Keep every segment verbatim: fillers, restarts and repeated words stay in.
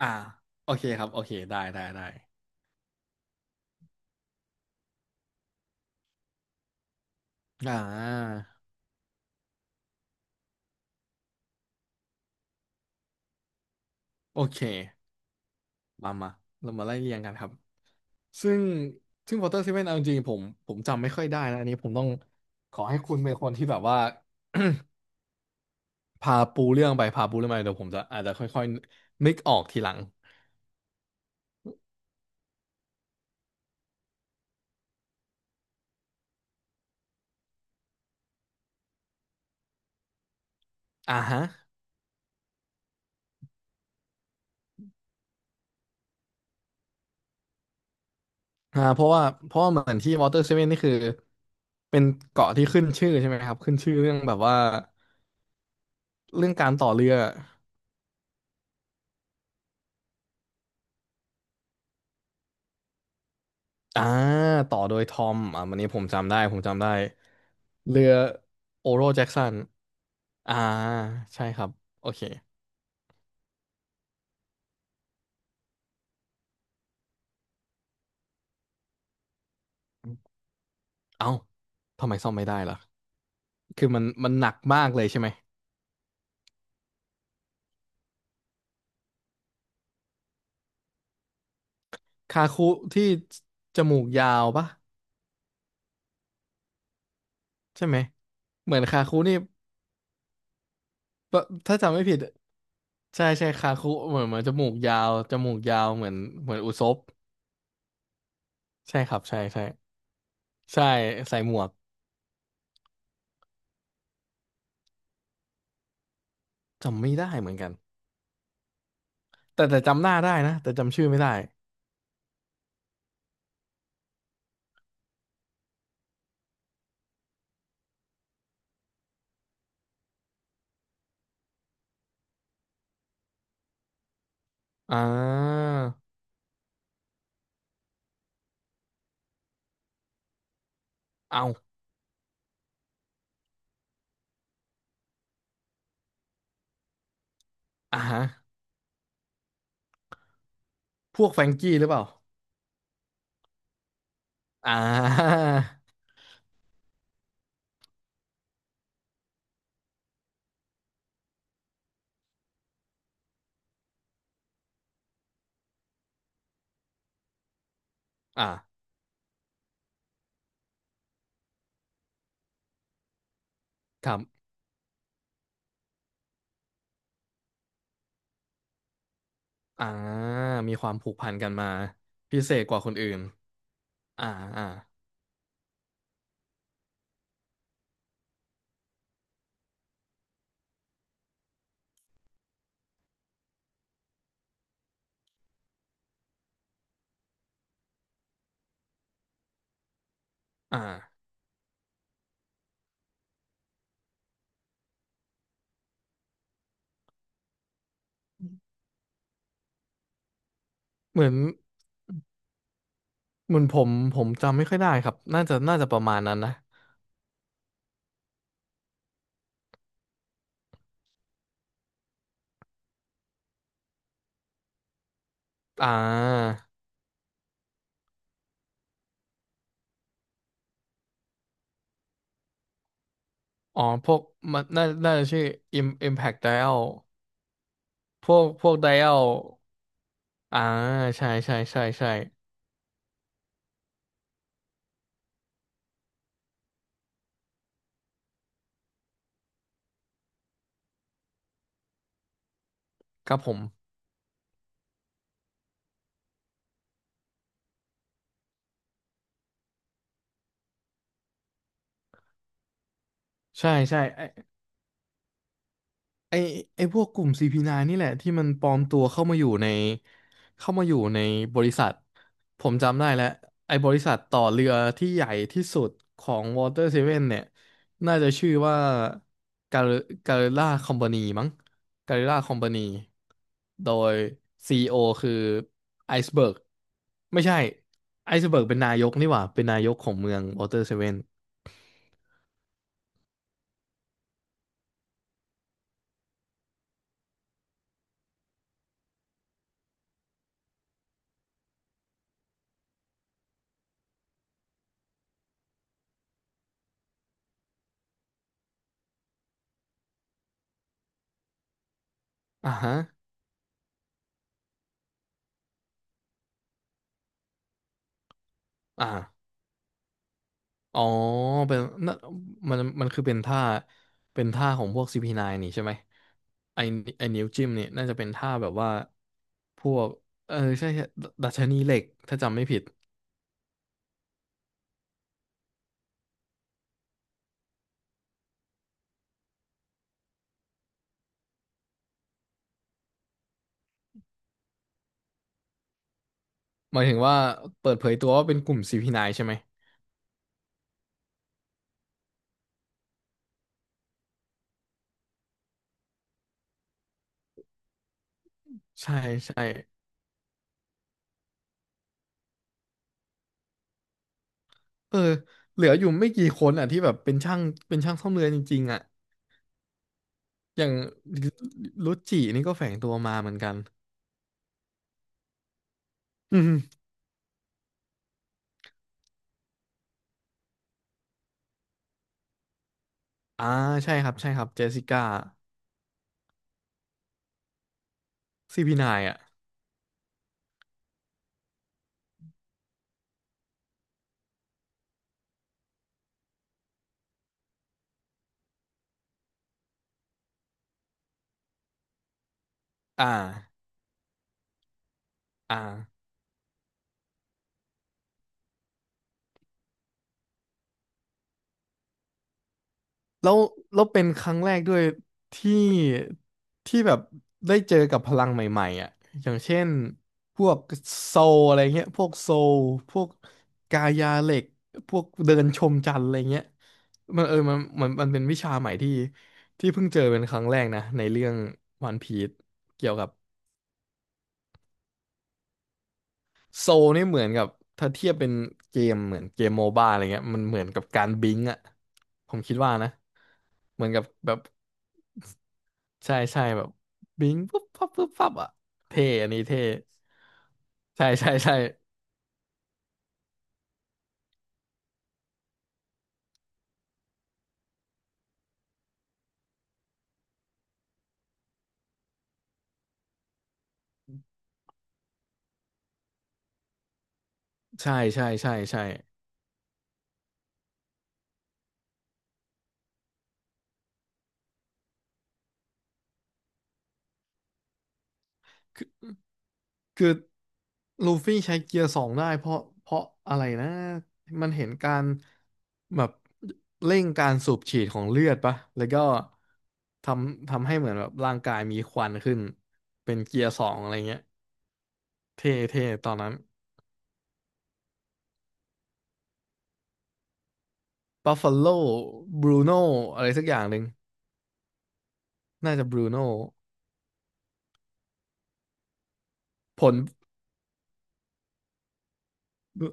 อ่าโอเคครับโอเคได้ได้ได้อ่าโอเคมามาเรามาไล่เรียงกันครับซึ่งซึ่งวอเตอร์เซเนเอาจริงๆผมผมจำไม่ค่อยได้นะอันนี้ผมต้องขอให้คุณเป็นคนที่แบบว่าพาปูเรื่องไปพาปูเรื่องมาเดี๋ยวผมจะอาจจะค่อยๆนึกออกทีหลังอ่าฮะอ่าเพราะว่าเพราะว่าเหมือนที่ w อเตอร์ v ซ n วนนี่คือเป็นเกาะที่ขึ้นชื่อใช่ไหมครับขึ้นชื่อเรื่องแบบว่าเรื่องการต่อเรือ อ่าต่อโดยทอมอ่าวันนี้ผมจำได้ผมจำได้เรือโอโรแจ็กสันอ่าใช่ครับโอเคเอ้าทำไมซ่อมไม่ได้ล่ะคือมันมันหนักมากเลยใช่ไหมคาคุที่จมูกยาวปะใช่ไหมเหมือนคาคุนี่ปะถ้าจำไม่ผิดใช่ใช่คาคุเหมือนเหมือนจมูกยาวจมูกยาวเหมือนเหมือนอุซบใช่ครับใช่ใช่ใช่ใส่หมวกจำไม่ได้เหมือนกันแต่แต่จำหน้าได้นะแต่จำชื่อไม่ได้ อ่าเอาอ่าฮะพวกแฟรงกี้หรือเปล่าอ่าอ่า ครับอ่ามีความผูกพันกันมาพิเศษกว่าคนอื่นอ่าอ่าอ่าเหมือนเหมือนผมผมจำไม่ค่อยได้ครับน่าจะน่าจะประมาณนั้นนะอ่าอ๋อพวกมันน่าน่าจะชื่อ Im Impact Dial พวกพวก Dial อ่าใช่ใช่ใช่ใช่ครับผมใช่ใช่ไอ้ ไอไอพวกกลุ่ม ซี พี ไนน์ นน์นี่แหละที่มันปลอมตัวเข้ามาอยู่ในเข้ามาอยู่ในบริษัทผมจำได้แล้วไอบริษัทต่อเรือที่ใหญ่ที่สุดของ Water Seven เนี่ยน่าจะชื่อว่า Gar- Garilla Company มั้ง Garilla Company โดย ซี อี โอ คือไอซ์เบิร์กไม่ใช่ไอซ์เบิร์กเป็นนายกนี่หว่าเป็นนายกของเมือง Water Seven อ่าฮะอ่า อ๋อเป็นน่นมันมันคือเป็นท่าเป็นท่าของพวก ซี พี ไนน์ นน์นี่ใช่ไหมไอไอนิ้วจิ้มเนี่ยน่าจะเป็นท่าแบบว่าพวกเออใช่ใช่ดดัชนีเหล็กถ้าจำไม่ผิดหมายถึงว่าเปิดเผยตัวว่าเป็นกลุ่ม ซี พี ไนน์ ใช่ไหมใช่ใช่เออเหลืออยู่ไม่กี่คนอ่ะที่แบบเป็นช่างเป็นช่างซ่อมเรือจริงๆอ่ะอย่างรุจินี่ก็แฝงตัวมาเหมือนกันอืมอ่าใช่ครับใช่ครับเจสสิก้าซีพีไนน์อ่ะอ่าอ่า แล้วแล้วเป็นครั้งแรกด้วยที่ที่แบบได้เจอกับพลังใหม่ๆอ่ะอย่างเช่นพวกโซลอะไรเงี้ยพวกโซลพวกกายาเหล็กพวกเดินชมจันทร์อะไรเงี้ยมันเออมันมันมันเป็นวิชาใหม่ที่ที่เพิ่งเจอเป็นครั้งแรกนะในเรื่องวันพีซเกี่ยวกับโซลนี่เหมือนกับถ้าเทียบเป็นเกมเหมือนเกมโมบ้าอะไรเงี้ยมันเหมือนกับการบิงก์อ่ะผมคิดว่านะเหมือนกับแบบ ใช่ใช่แบบบิงปุ๊บปั๊บปุ๊บปั๊บอ่ะเท่ อันนี้เท่ใช่ใช่ใช่ใช่ใช่ใช่ใช่คือลูฟี่ใช้เกียร์สองได้เพราะเพราะอะไรนะมันเห็นการแบบเร่งการสูบฉีดของเลือดปะแล้วก็ทำทำให้เหมือนแบบร่างกายมีควันขึ้นเป็นเกียร์สองอะไรเงี้ยเท่เท่ตอนนั้นบัฟฟ a โลบรูโนอะไรสักอย่างหนึ่งน่าจะบรูโนผล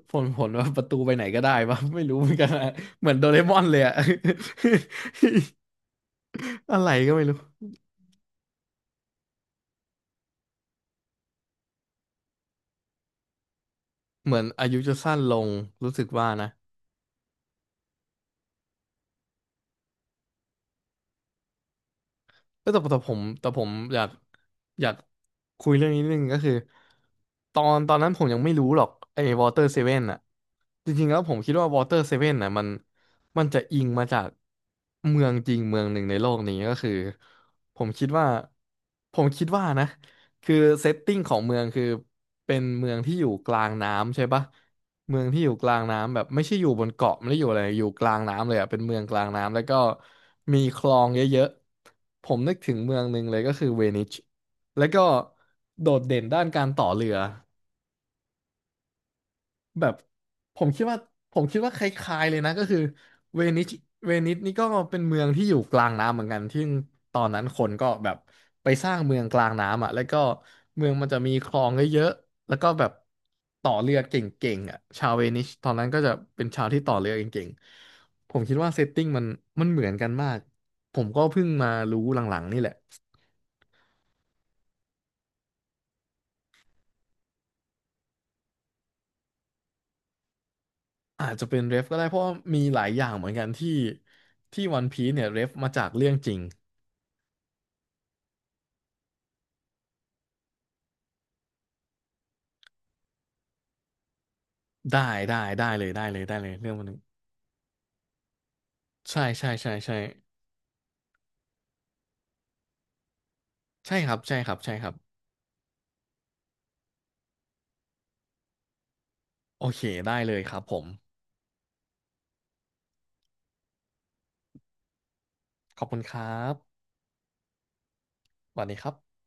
ผลผลว่าประตูไปไหนก็ได้ปะ ไม่รู้เหมือนกันอะเหมือนโดเรมอนเลยอะ อะไรก็ไม่รู้เหมือนอายุจะสั้นลงรู้สึกว่านะเอ้ยแต่แต่ผมแต่ผมอยากอยากคุยเรื่องนี้นิดนึงก็คือตอนตอนนั้นผมยังไม่รู้หรอกไอ้วอเตอร์เซเว่นอะจริงๆแล้วผมคิดว่าวอเตอร์เซเว่นอะมันมันจะอิงมาจากเมืองจริงเมืองหนึ่งในโลกนี้ก็คือผมคิดว่าผมคิดว่านะ คือเซตติ้งของเมืองคือเป็นเมืองที่อยู่กลางน้ำใช่ปะเมืองที่อยู่กลางน้ำแบบไม่ใช่อยู่บนเกาะไม่ได้อยู่อะไรอยู่กลางน้ำเลยอ่ะเป็นเมืองกลางน้ำแล้วก็มีคลองเยอะๆผมนึกถึงเมืองหนึ่งเลยก็คือเวนิชแล้วก็โดดเด่นด้านการต่อเรือ แบบผมคิดว่าผมคิดว่าคล้ายๆเลยนะก็คือเวนิสเวนิสนี่ก็เป็นเมืองที่อยู่กลางน้ำเหมือนกันที่ตอนนั้นคนก็แบบไปสร้างเมืองกลางน้ำอ่ะแล้วก็เมืองมันจะมีคลองเยอะๆแล้วก็แบบต่อเรือเก่งๆอ่ะชาวเวนิสตอนนั้นก็จะเป็นชาวที่ต่อเรือเก่งๆผมคิดว่าเซตติ้งมันมันเหมือนกันมากผมก็เพิ่งมารู้หลังๆนี่แหละอาจจะเป็นเรฟก็ได้เพราะว่ามีหลายอย่างเหมือนกันที่ที่วันพีซเนี่ยเรฟมาจากเรื่องจริง ได้ได้ได้เลยได้เลยได้เลยเรื่องมันนึงใช่ใช่ใช่ใช่ใช่ครับใช่ครับใช่ครับโอเคได้เลยครับผมขอบคุณครับสวัสดีครับ